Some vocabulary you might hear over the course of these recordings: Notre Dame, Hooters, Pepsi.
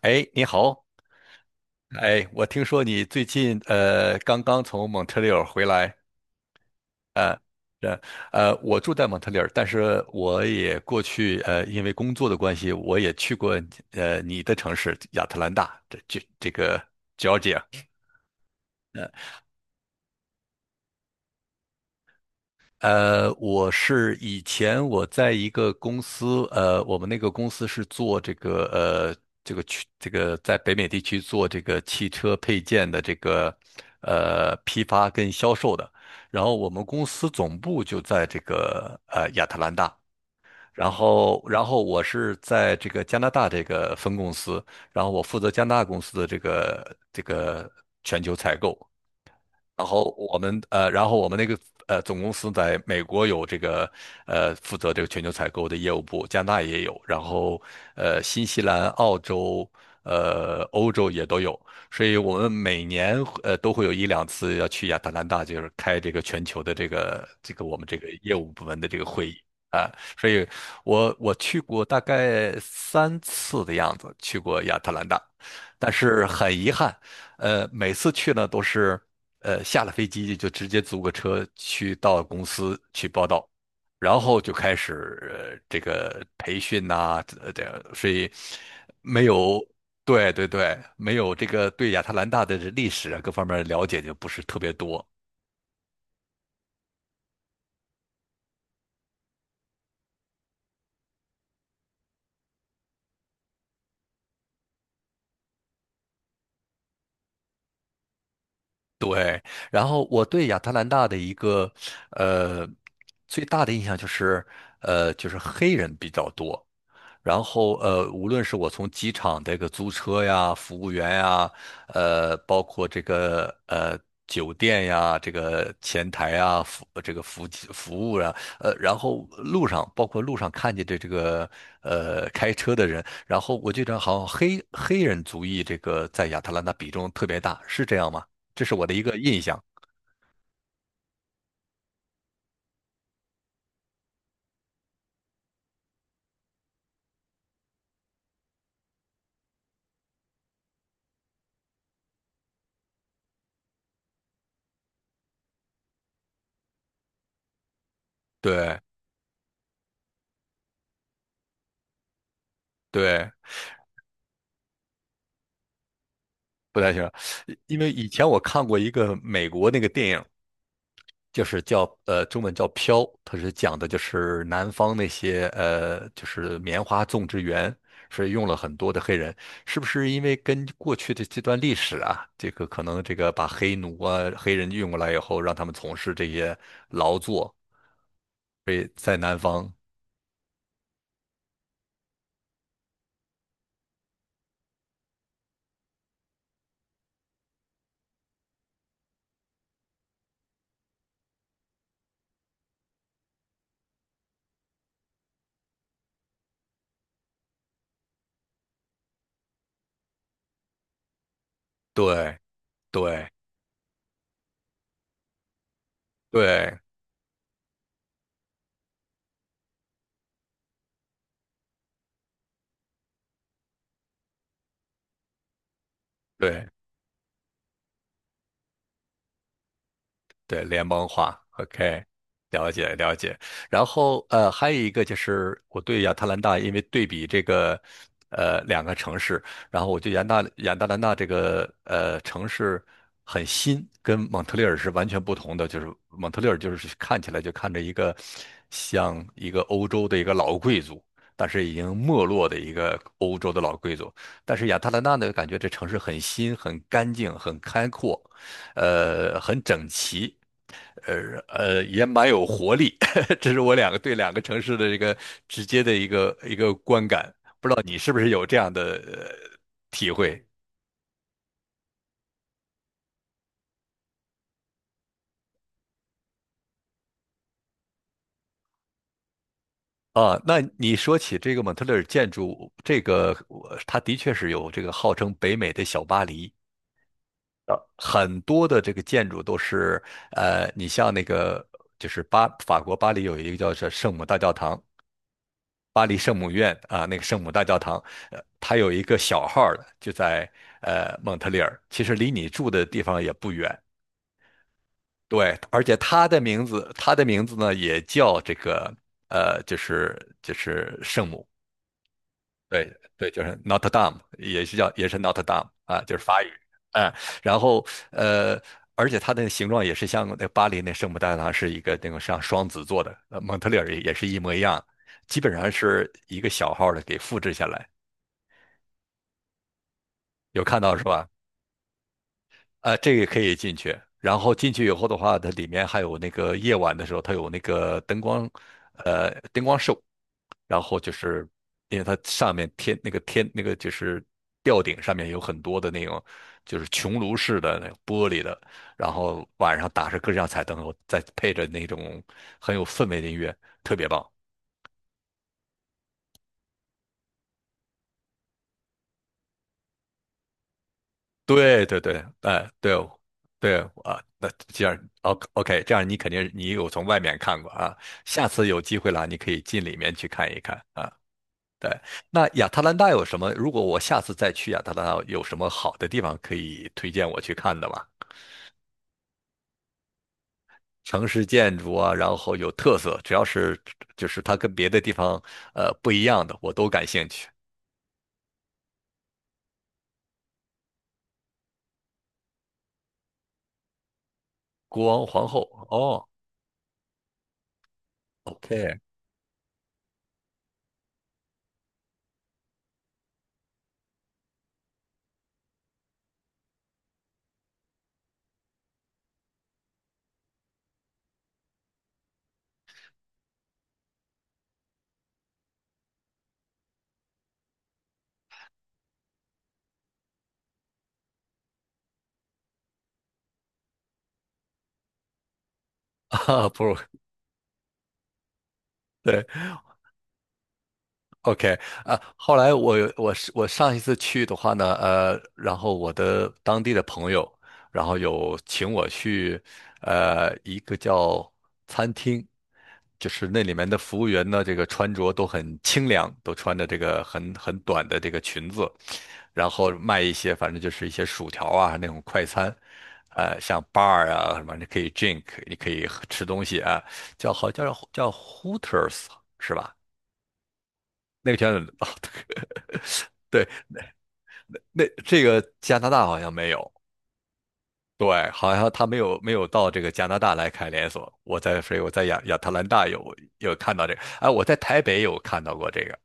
哎，你好。哎，我听说你最近刚刚从蒙特利尔回来。呃，呃，我住在蒙特利尔，但是我也过去因为工作的关系，我也去过你的城市亚特兰大，这个 Georgia。我是以前我在一个公司，我们那个公司是做这个这个区这个在北美地区做这个汽车配件的这个批发跟销售的。然后我们公司总部就在这个亚特兰大，然后我是在这个加拿大这个分公司，然后我负责加拿大公司的这个全球采购。然后我们然后我们那个总公司在美国有这个负责这个全球采购的业务部，加拿大也有，然后新西兰、澳洲、欧洲也都有。所以我们每年都会有一两次要去亚特兰大，就是开这个全球的这个我们这个业务部门的这个会议。啊，所以我去过大概三次的样子，去过亚特兰大，但是很遗憾，每次去呢都是。下了飞机就直接租个车去到公司去报道，然后就开始这个培训呐、这样，所以没有。对对对，没有这个对亚特兰大的这历史啊各方面了解就不是特别多。对，然后我对亚特兰大的一个呃最大的印象就是，就是黑人比较多。然后无论是我从机场这个租车呀、服务员呀，包括这个酒店呀、这个前台呀、服这个服务服务啊，然后路上包括路上看见的这个开车的人，然后我就觉得好像黑人族裔这个在亚特兰大比重特别大，是这样吗？这是我的一个印象。对对，不太清楚，因为以前我看过一个美国那个电影，就是叫中文叫《飘》，它是讲的就是南方那些就是棉花种植园，是用了很多的黑人，是不是因为跟过去的这段历史啊，这个可能这个把黑奴啊黑人运过来以后，让他们从事这些劳作，所以在南方，对对对对。对，联邦化，OK,了解了解。然后还有一个就是我对亚特兰大，因为对比这个两个城市，然后我对亚特兰大这个城市很新，跟蒙特利尔是完全不同的。就是蒙特利尔就是看起来就看着一个像一个欧洲的一个老贵族，但是已经没落的一个欧洲的老贵族。但是亚特兰大呢，感觉这城市很新、很干净、很开阔。很整齐，也蛮有活力。这是我两个对两个城市的一个直接的一个观感，不知道你是不是有这样的体会啊？那你说起这个蒙特利尔建筑，这个我它的确是有这个号称北美的小巴黎，很多的这个建筑都是你像那个就是法国巴黎有一个叫是圣母大教堂。巴黎圣母院啊，那个圣母大教堂，它有一个小号儿的，就在蒙特利尔，其实离你住的地方也不远。对，而且它的名字，它的名字呢也叫这个就是圣母，对对，就是 Notre Dame,也是叫也是 Notre Dame 啊，就是法语。嗯，然后而且它的形状也是像那巴黎那圣母大教堂是一个那种像双子座的，蒙特利尔也是一模一样，基本上是一个小号的给复制下来。有看到是吧？啊、这个可以进去。然后进去以后的话，它里面还有那个夜晚的时候，它有那个灯光，灯光秀。然后就是因为它上面天那个天那个就是吊顶上面有很多的那种就是穹庐式的那种玻璃的，然后晚上打着各式各样彩灯，再配着那种很有氛围的音乐，特别棒。对对对，哎、对哦对啊，那这样，OK,这样你肯定你有从外面看过啊，下次有机会了，你可以进里面去看一看啊。对，那亚特兰大有什么？如果我下次再去亚特兰大，有什么好的地方可以推荐我去看的吗？城市建筑啊，然后有特色，只要是就是它跟别的地方不一样的，我都感兴趣。国王皇后，哦，OK,啊，不，对，OK。啊，后来我上一次去的话呢，然后我的当地的朋友，然后有请我去，一个叫餐厅，就是那里面的服务员呢，这个穿着都很清凉，都穿着这个很短的这个裙子，然后卖一些反正就是一些薯条啊那种快餐，像 bar 啊什么，你可以 drink,你可以喝吃东西啊，叫好叫叫 Hooters 是吧？那个拳啊，对，那这个加拿大好像没有，对，好像他没有到这个加拿大来开连锁。我在，所以我在亚特兰大有有看到这个，哎，我在台北有看到过这个，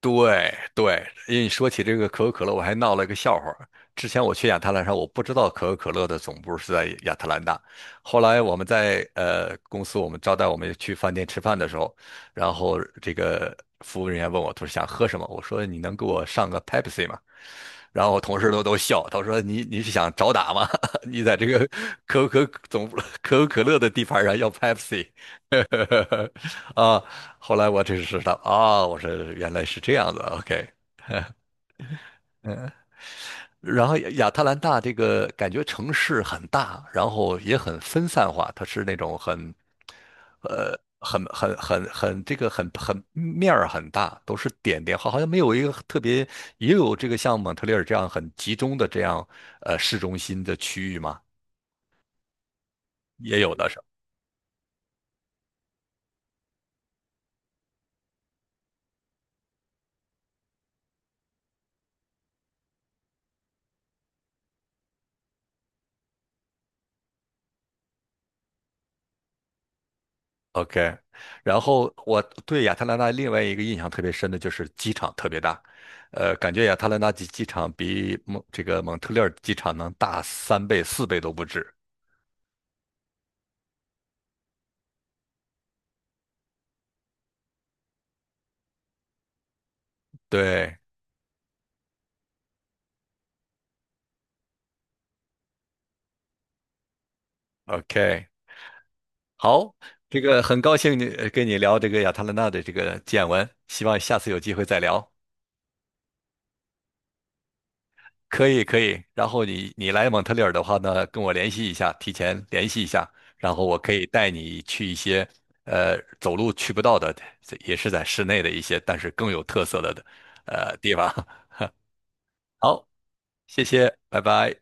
对对，因为你说起这个可口可乐，我还闹了一个笑话儿。之前我去亚特兰大，我不知道可口可乐的总部是在亚特兰大。后来我们在公司，我们招待我们去饭店吃饭的时候，然后这个服务人员问我，他说想喝什么？我说你能给我上个 Pepsi 吗？然后我同事都笑，他说你是想找打吗？你在这个可口可总部可口可乐的地盘上要 Pepsi,啊，后来我这是知道啊，我说原来是这样的，OK。然后亚特兰大这个感觉城市很大，然后也很分散化，它是那种很，很面儿很大，都是点点，好像没有一个特别，也有这个像蒙特利尔这样很集中的这样市中心的区域嘛，也有的。是。OK,然后我对亚特兰大另外一个印象特别深的就是机场特别大，感觉亚特兰大机场比蒙这个蒙特利尔机场能大三倍、四倍都不止。对，OK,好，这个很高兴你跟你聊这个亚特兰大的这个见闻，希望下次有机会再聊。可以可以，然后你来蒙特利尔的话呢，跟我联系一下，提前联系一下，然后我可以带你去一些走路去不到的，也是在室内的一些，但是更有特色的地方。好，谢谢，拜拜。